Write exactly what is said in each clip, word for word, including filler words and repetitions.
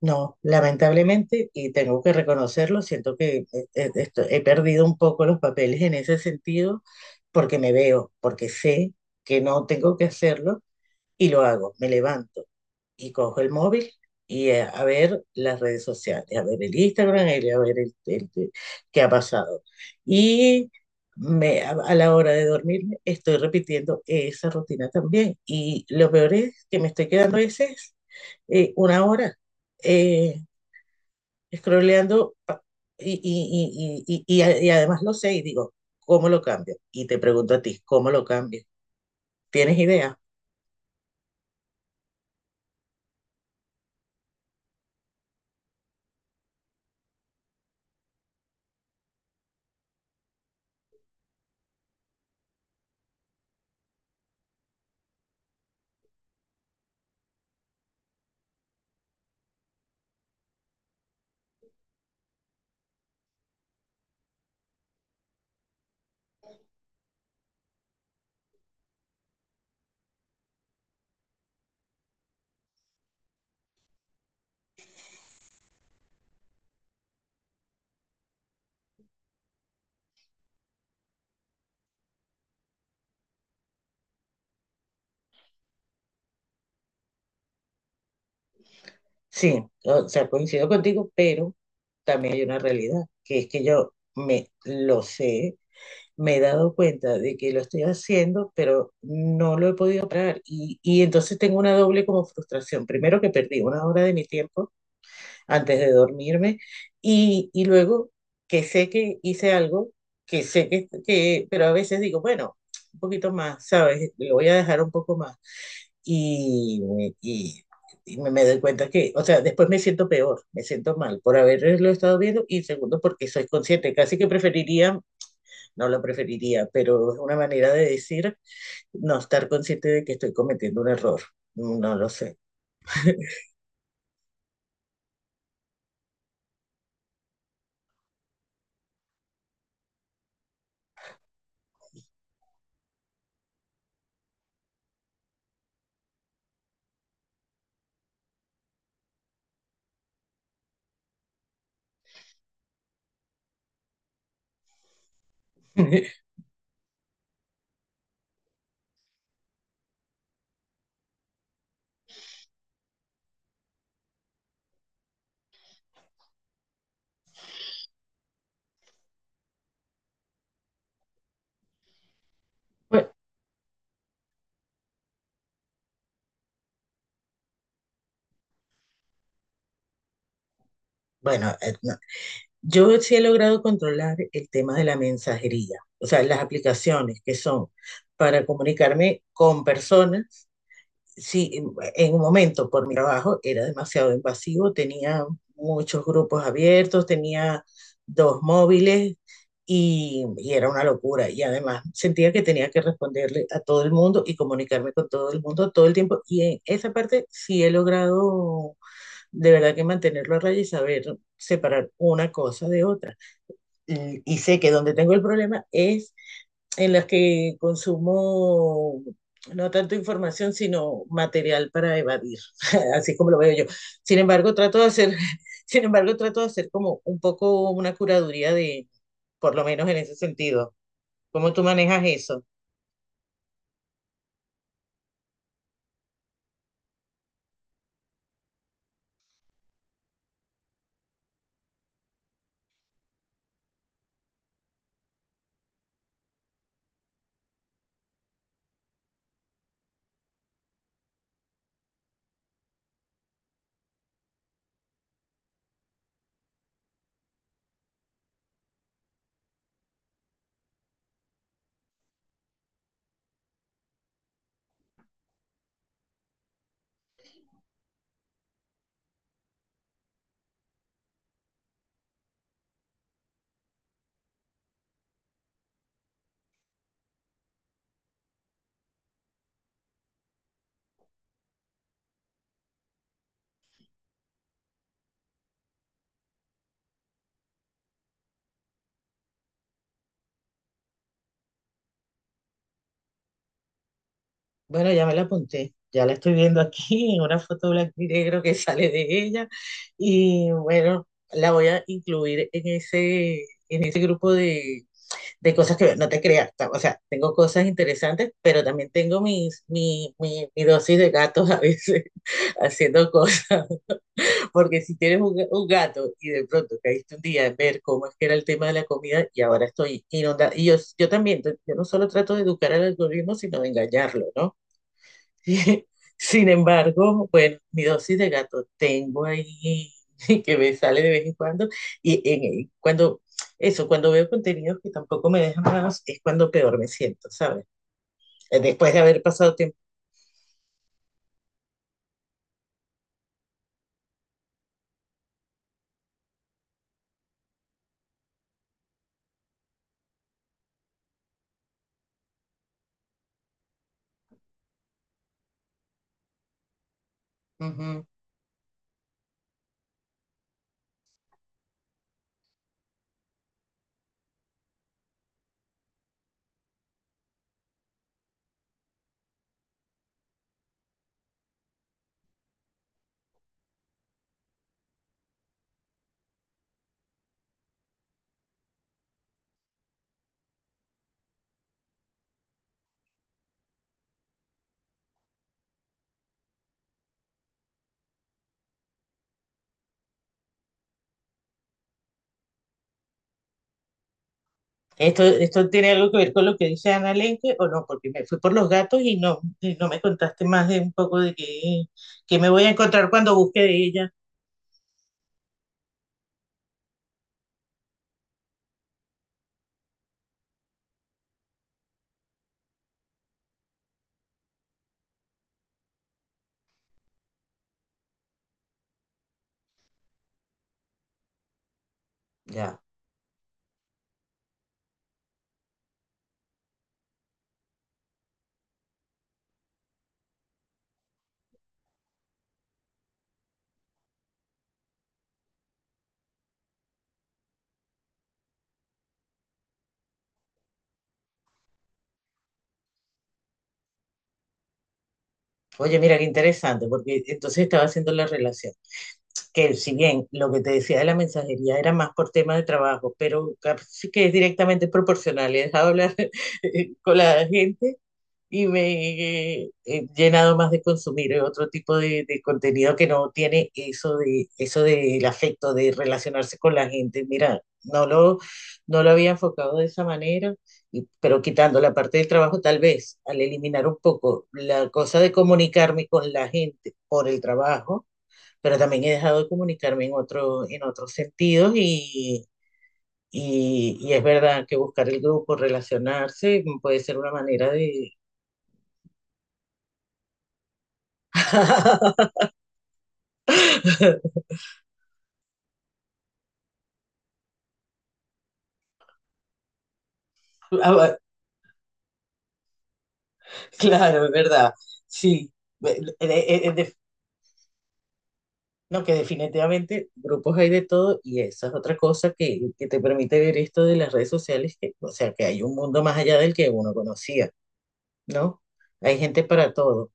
No, lamentablemente, y tengo que reconocerlo, siento que eh, eh, esto- he perdido un poco los papeles en ese sentido porque me veo, porque sé que no tengo que hacerlo y lo hago. Me levanto y cojo el móvil y eh, a ver las redes sociales, a ver el Instagram, el- a ver el, el- el- qué ha pasado. Y me, a, a la hora de dormirme estoy repitiendo esa rutina también. Y lo peor es que me estoy quedando a veces eh, una hora. eh, Scrolleando y, y, y, y, y y además lo sé y digo, ¿cómo lo cambio? Y te pregunto a ti, ¿cómo lo cambio? ¿Tienes idea? Sí, o sea, coincido contigo, pero también hay una realidad, que es que yo me lo sé, me he dado cuenta de que lo estoy haciendo, pero no lo he podido parar. Y, y entonces tengo una doble como frustración. Primero que perdí una hora de mi tiempo antes de dormirme y, y luego que sé que hice algo, que sé que, que, pero a veces digo, bueno, un poquito más, ¿sabes? Lo voy a dejar un poco más y, y, y me, me doy cuenta que, o sea, después me siento peor, me siento mal por haberlo estado viendo y segundo porque soy consciente, casi que preferiría, no lo preferiría, pero es una manera de decir no estar consciente de que estoy cometiendo un error, no lo sé. Bueno, bueno, eh, no, yo sí he logrado controlar el tema de la mensajería, o sea, las aplicaciones que son para comunicarme con personas. Sí, en- en un momento por mi trabajo era demasiado invasivo, tenía muchos grupos abiertos, tenía dos móviles y, y era una locura. Y además sentía que tenía que responderle a todo el mundo y comunicarme con todo el mundo todo el tiempo. Y en esa parte sí he logrado de verdad que mantenerlo a raya y saber separar una cosa de otra y y sé que donde tengo el problema es en las que consumo no tanto información, sino material para evadir, así como lo veo yo. Sin embargo, trato de hacer, sin embargo, trato de hacer como un poco una curaduría de, por lo menos en ese sentido. ¿Cómo tú manejas eso? Bueno, ya me la apunté, ya la estoy viendo aquí en una foto blanco y negro que sale de ella y bueno, la voy a incluir en ese, en ese grupo de, de cosas que no te creas, o sea, tengo cosas interesantes, pero también tengo mis, mi, mi, mi dosis de gatos a veces haciendo cosas, porque si tienes un, un, gato y de pronto caíste un día en ver cómo es que era el tema de la comida y ahora estoy inundada, y yo, yo también, yo no solo trato de educar al algoritmo, sino de engañarlo, ¿no? Sin embargo, bueno, mi dosis de gato tengo ahí que me sale de vez en cuando y en- eh, cuando eso, cuando veo contenidos que tampoco me dejan más, es cuando peor me siento, ¿sabes? Eh, Después de haber pasado tiempo. Ujú. ¿Esto, esto tiene algo que ver con lo que dice Ana Lenke o no? Porque me fui por los gatos y no, y no me contaste más de un poco de qué, qué me voy a encontrar cuando busque de ella. Ya. Oye, mira qué interesante, porque entonces estaba haciendo la relación. Que si bien lo que te decía de la mensajería era más por tema de trabajo, pero sí que es directamente proporcional. He dejado hablar con la gente y me eh, he llenado más de consumir otro tipo de, de, contenido que no tiene eso de eso del afecto, de relacionarse con la gente. Mira, no lo, no lo había enfocado de esa manera, y, pero quitando la parte del trabajo, tal vez al eliminar un poco la cosa de comunicarme con la gente por el trabajo, pero también he dejado de comunicarme en otro, en otros sentidos y, y, y es verdad que buscar el grupo, relacionarse, mm, puede ser una manera de... Ah, va- Claro, es verdad, sí. Eh, eh, eh, de- No, que definitivamente grupos hay de todo y esa es otra cosa que, que te permite ver esto de las redes sociales, que, o sea, que hay un mundo más allá del que uno conocía, ¿no? Hay gente para todo.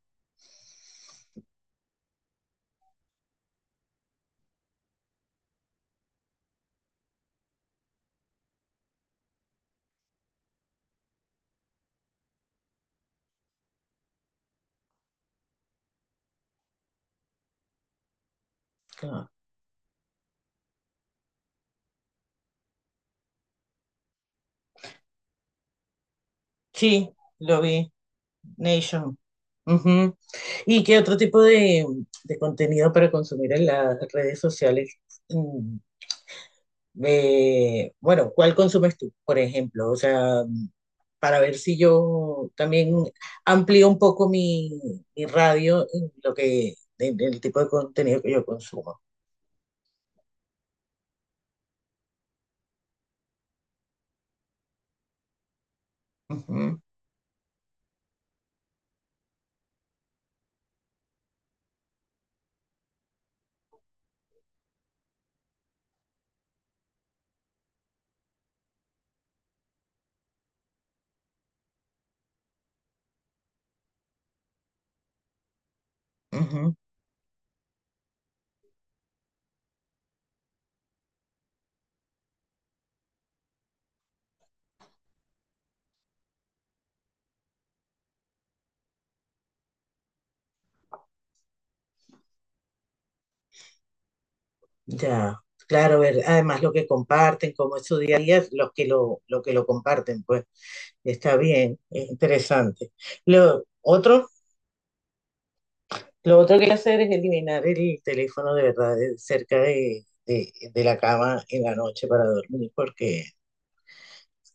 Ah, sí, lo vi. Nation. Ujú. ¿Y qué otro tipo de, de contenido para consumir en las redes sociales? Mm, eh, bueno, ¿cuál consumes tú, por ejemplo? O sea, para ver si yo también amplío un poco mi, mi radio en lo que, en el tipo de contenido que yo consumo. Ujú, ujú. Ya, claro, ver además lo que comparten, cómo es su día a día, los que lo, lo que lo comparten, pues. Está bien, es interesante. Lo otro, lo otro que hay que hacer es eliminar el teléfono de verdad de- cerca de, de- de la cama en la noche para dormir, porque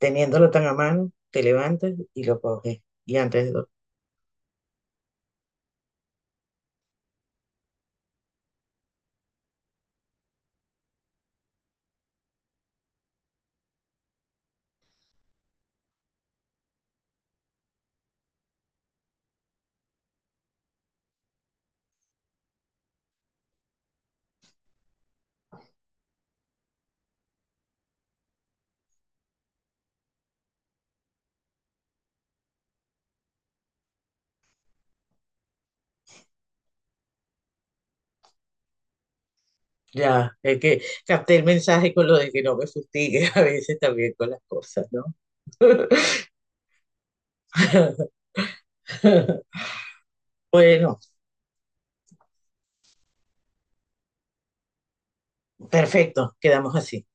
teniéndolo tan a mano, te levantas y lo coges. Y antes de dormir, ya, es que capté el mensaje con lo de que no me fustigue a veces también con las cosas, ¿no? Bueno, perfecto, quedamos así.